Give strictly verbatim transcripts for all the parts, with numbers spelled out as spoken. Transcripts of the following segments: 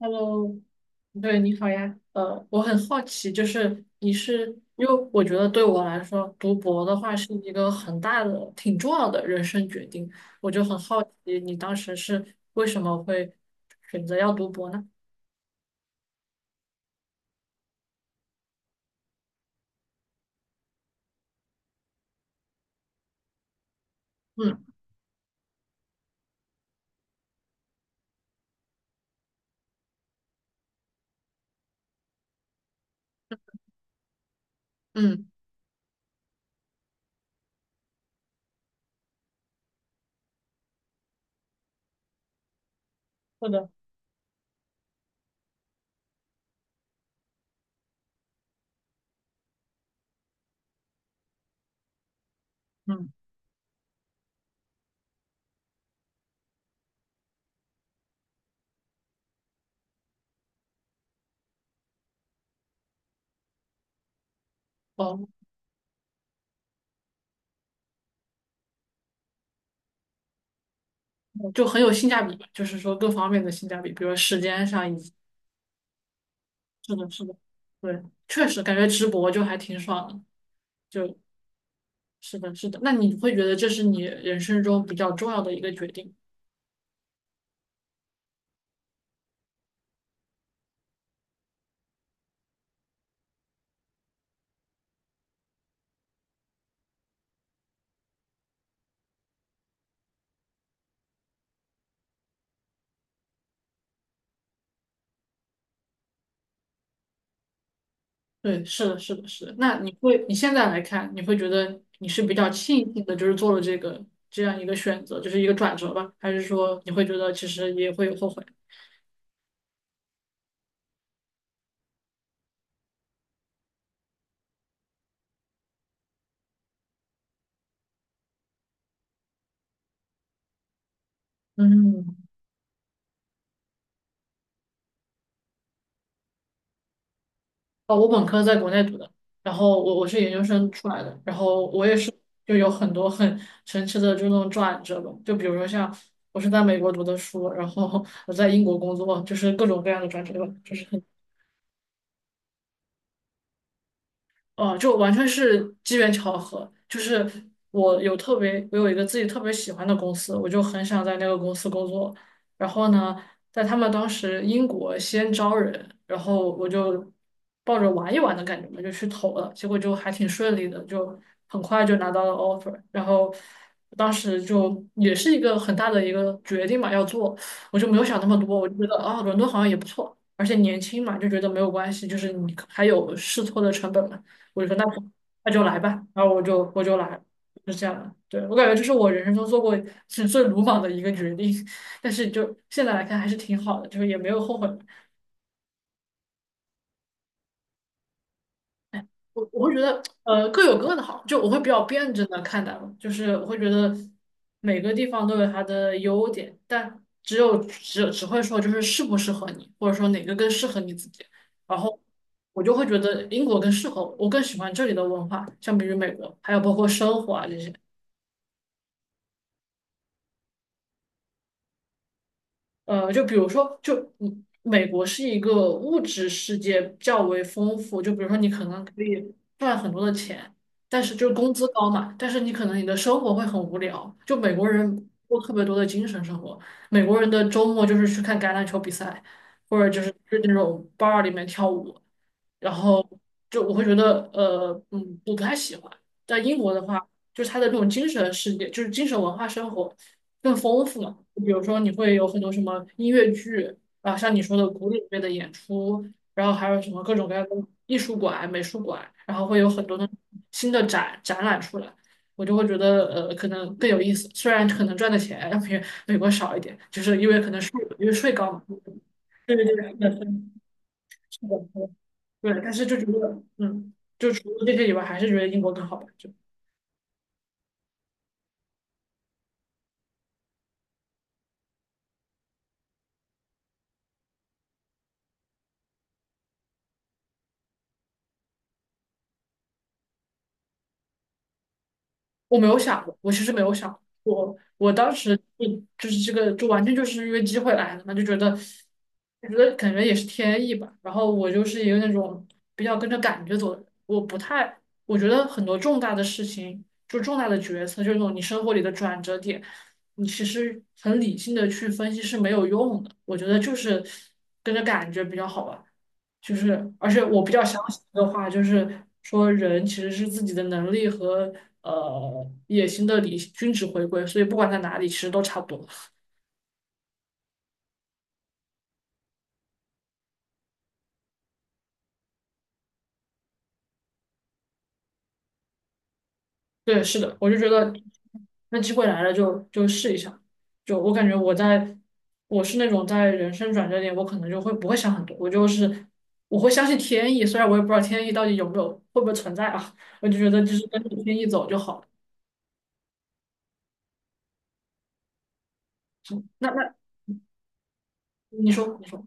Hello，对，你好呀。呃，我很好奇，就是你是，因为我觉得对我来说，读博的话是一个很大的、挺重要的人生决定，我就很好奇你当时是为什么会选择要读博呢？嗯嗯，是的，嗯，哦，就很有性价比，就是说各方面的性价比，比如说时间上以及是的，是的，对，确实感觉直博就还挺爽的，就是的，是的。那你会觉得这是你人生中比较重要的一个决定吗？对，是的，是的，是的。那你会，你现在来看，你会觉得你是比较庆幸的，就是做了这个这样一个选择，就是一个转折吧？还是说你会觉得其实也会有后悔？嗯，哦，我本科在国内读的，然后我我是研究生出来的，然后我也是就有很多很神奇的这种转折吧，就比如说像我是在美国读的书，然后我在英国工作，就是各种各样的转折吧，就是。哦，就完全是机缘巧合。就是我有特别，我有一个自己特别喜欢的公司，我就很想在那个公司工作。然后呢，在他们当时英国先招人，然后我就抱着玩一玩的感觉嘛，就去投了。结果就还挺顺利的，就很快就拿到了 offer。然后当时就也是一个很大的一个决定嘛，要做，我就没有想那么多，我就觉得啊，伦敦好像也不错。而且年轻嘛，就觉得没有关系，就是你还有试错的成本嘛。我就说那就那就来吧，然后我就我就来了就是这样的。对，我感觉这是我人生中做过是最鲁莽的一个决定，但是就现在来看还是挺好的，就是也没有后悔。我我会觉得呃各有各的好，就我会比较辩证的看待吧，就是我会觉得每个地方都有它的优点，但只有只只会说就是适不适合你，或者说哪个更适合你自己。然后我就会觉得英国更适合我，我更喜欢这里的文化，相比于美国，还有包括生活啊这些。呃，就比如说，就嗯美国是一个物质世界较为丰富，就比如说你可能可以赚很多的钱，但是就是工资高嘛，但是你可能你的生活会很无聊。就美国人过特别多的精神生活，美国人的周末就是去看橄榄球比赛，或者就是去那种 bar 里面跳舞，然后就我会觉得呃嗯我不太喜欢。在英国的话。就是它的这种精神世界，就是精神文化生活更丰富嘛。就比如说你会有很多什么音乐剧啊，像你说的古典乐的演出，然后还有什么各种各样的艺术馆、美术馆，然后会有很多的新的展展览出来，我就会觉得呃可能更有意思。虽然可能赚的钱要比美国少一点，就是因为可能税因为税高嘛。对对对，是的，是的是的对，但是就觉得嗯，就除了这些以外，还是觉得英国更好吧。就。我没有想过，我其实没有想过，我我当时就就是这个，就完全就是因为机会来了嘛，就觉得，我觉得感觉也是天意吧。然后我就是一个那种比较跟着感觉走的人，我不太，我觉得很多重大的事情，就重大的决策，就那种你生活里的转折点，你其实很理性的去分析是没有用的。我觉得就是跟着感觉比较好吧。就是，而且我比较相信的话，就是说人其实是自己的能力和呃野心的理均值回归，所以不管在哪里，其实都差不多。对，是的，我就觉得那机会来了就就试一下。就我感觉我在我是那种在人生转折点，我可能就会不会想很多，我就是我会相信天意，虽然我也不知道天意到底有没有会不会存在啊，我就觉得就是跟着天意走就好了。嗯那那你说你说。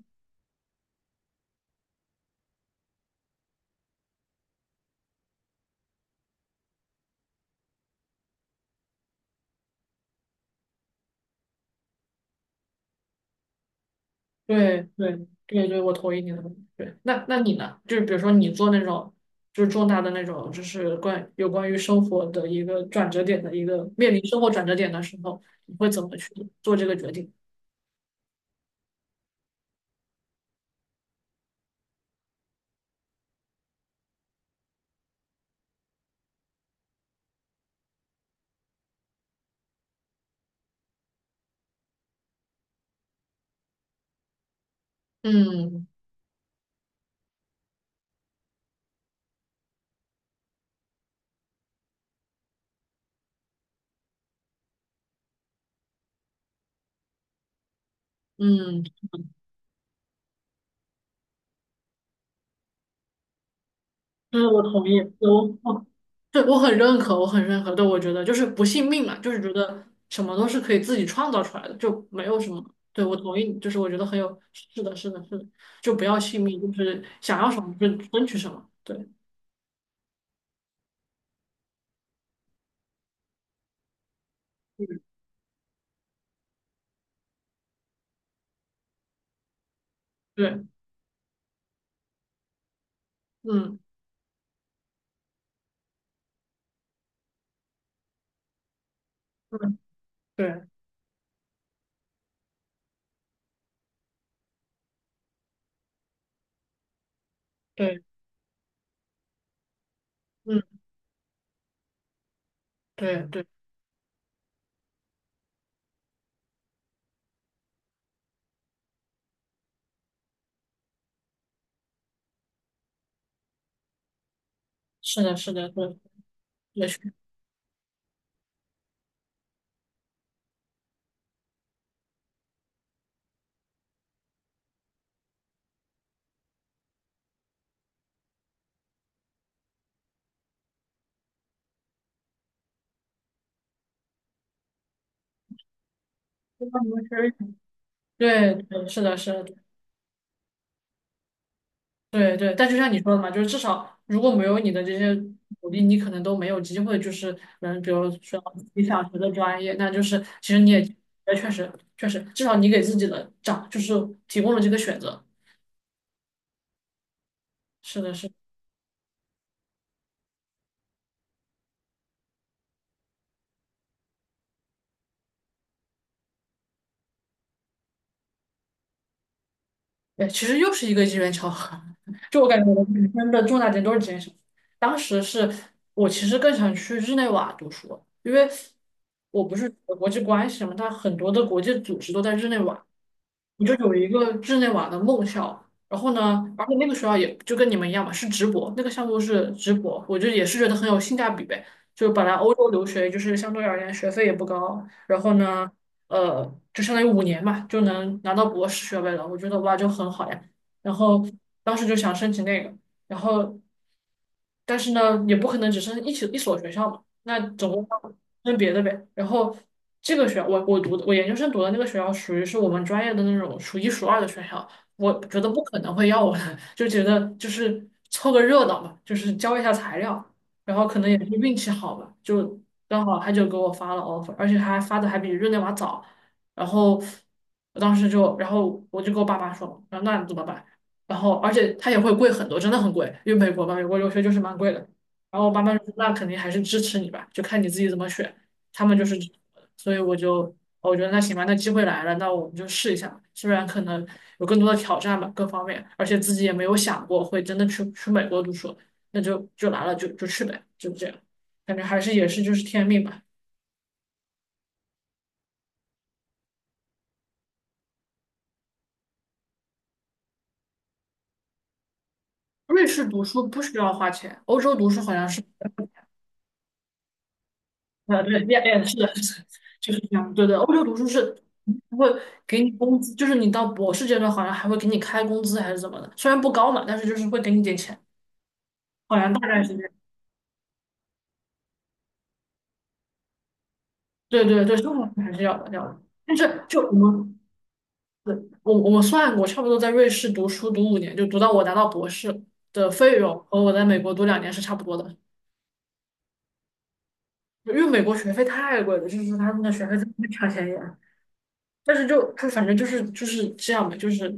对对对对，我同意你的观点。对，那那你呢？就是比如说你做那种，就是重大的那种，就是关有关于生活的一个转折点的一个面临生活转折点的时候，你会怎么去做这个决定？嗯嗯，对，我同意，我我对我很认可，我很认可。对，我觉得就是不信命嘛，就是觉得什么都是可以自己创造出来的，就没有什么。对，我同意你，就是我觉得很有，是的，是的，是的，就不要信命，就是想要什么就争取什么。对。对，嗯嗯，对对，嗯对对，是的，是的，对，也是跟他们学习，对对，是的，是的，对对。但就像你说的嘛，就是至少如果没有你的这些努力，你可能都没有机会，就是能，比如说你想学的专业，那就是其实你也，也确实确实，至少你给自己的长，就是提供了这个选择。是的，是的。对，其实又是一个机缘巧合。就我感觉我的人生的重大点都是这缘巧合当时是我其实更想去日内瓦读书，因为我不是学国际关系嘛，它很多的国际组织都在日内瓦。我就有一个日内瓦的梦校，然后呢，而且那个学校也就跟你们一样嘛，是直博，那个项目是直博，我就也是觉得很有性价比呗。就本来欧洲留学就是相对而言学费也不高，然后呢，呃，就相当于五年嘛，就能拿到博士学位了，我觉得哇就很好呀。然后当时就想申请那个，然后。但是呢，也不可能只剩一起一所学校嘛，那总共要分别的呗。然后这个学校，我我读的我研究生读的那个学校，属于是我们专业的那种数一数二的学校，我觉得不可能会要我的，就觉得就是凑个热闹嘛，就是交一下材料，然后可能也是运气好吧，就刚好他就给我发了 offer，而且还发的还比日内瓦早，然后我当时就，然后我就跟我爸妈说，然后那你怎么办？然后而且它也会贵很多，真的很贵，因为美国嘛，美国留学就是蛮贵的。然后我爸妈就说那肯定还是支持你吧，就看你自己怎么选。他们就是，所以我就我觉得那行吧，那机会来了，那我们就试一下吧。虽然可能有更多的挑战吧，各方面，而且自己也没有想过会真的去去美国读书，那就就来了就就去呗，就这样。感觉还是也是就是天命吧。瑞士读书不需要花钱，欧洲读书好像是。啊对，也也是的，就是这样。对的，欧洲读书是还会给你工资，就是你到博士阶段好像还会给你开工资还是怎么的，虽然不高嘛，但是就是会给你点钱，好像大概是这样。对对对，生活费还是要的，要的。但是就我们，对，我我们算过，差不多在瑞士读书读五年，就读到我拿到博士的费用和我在美国读两年是差不多的，因为美国学费太贵了，就是他们的学费真的超便宜。但是就就反正就是就是这样吧，就是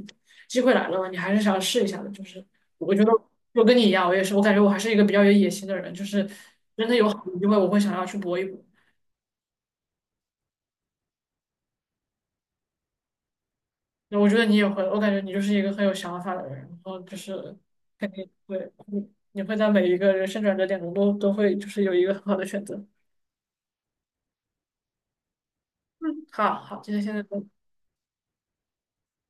机会来了嘛，你还是想试一下的。就是我觉得我跟你一样，我也是，我感觉我还是一个比较有野心的人，就是真的有好的机会，我会想要去搏一搏。那我觉得你也会，我感觉你就是一个很有想法的人，然后就是肯定会，你你会在每一个人生转折点中都都会就是有一个很好的选择。嗯，好好，今天现在。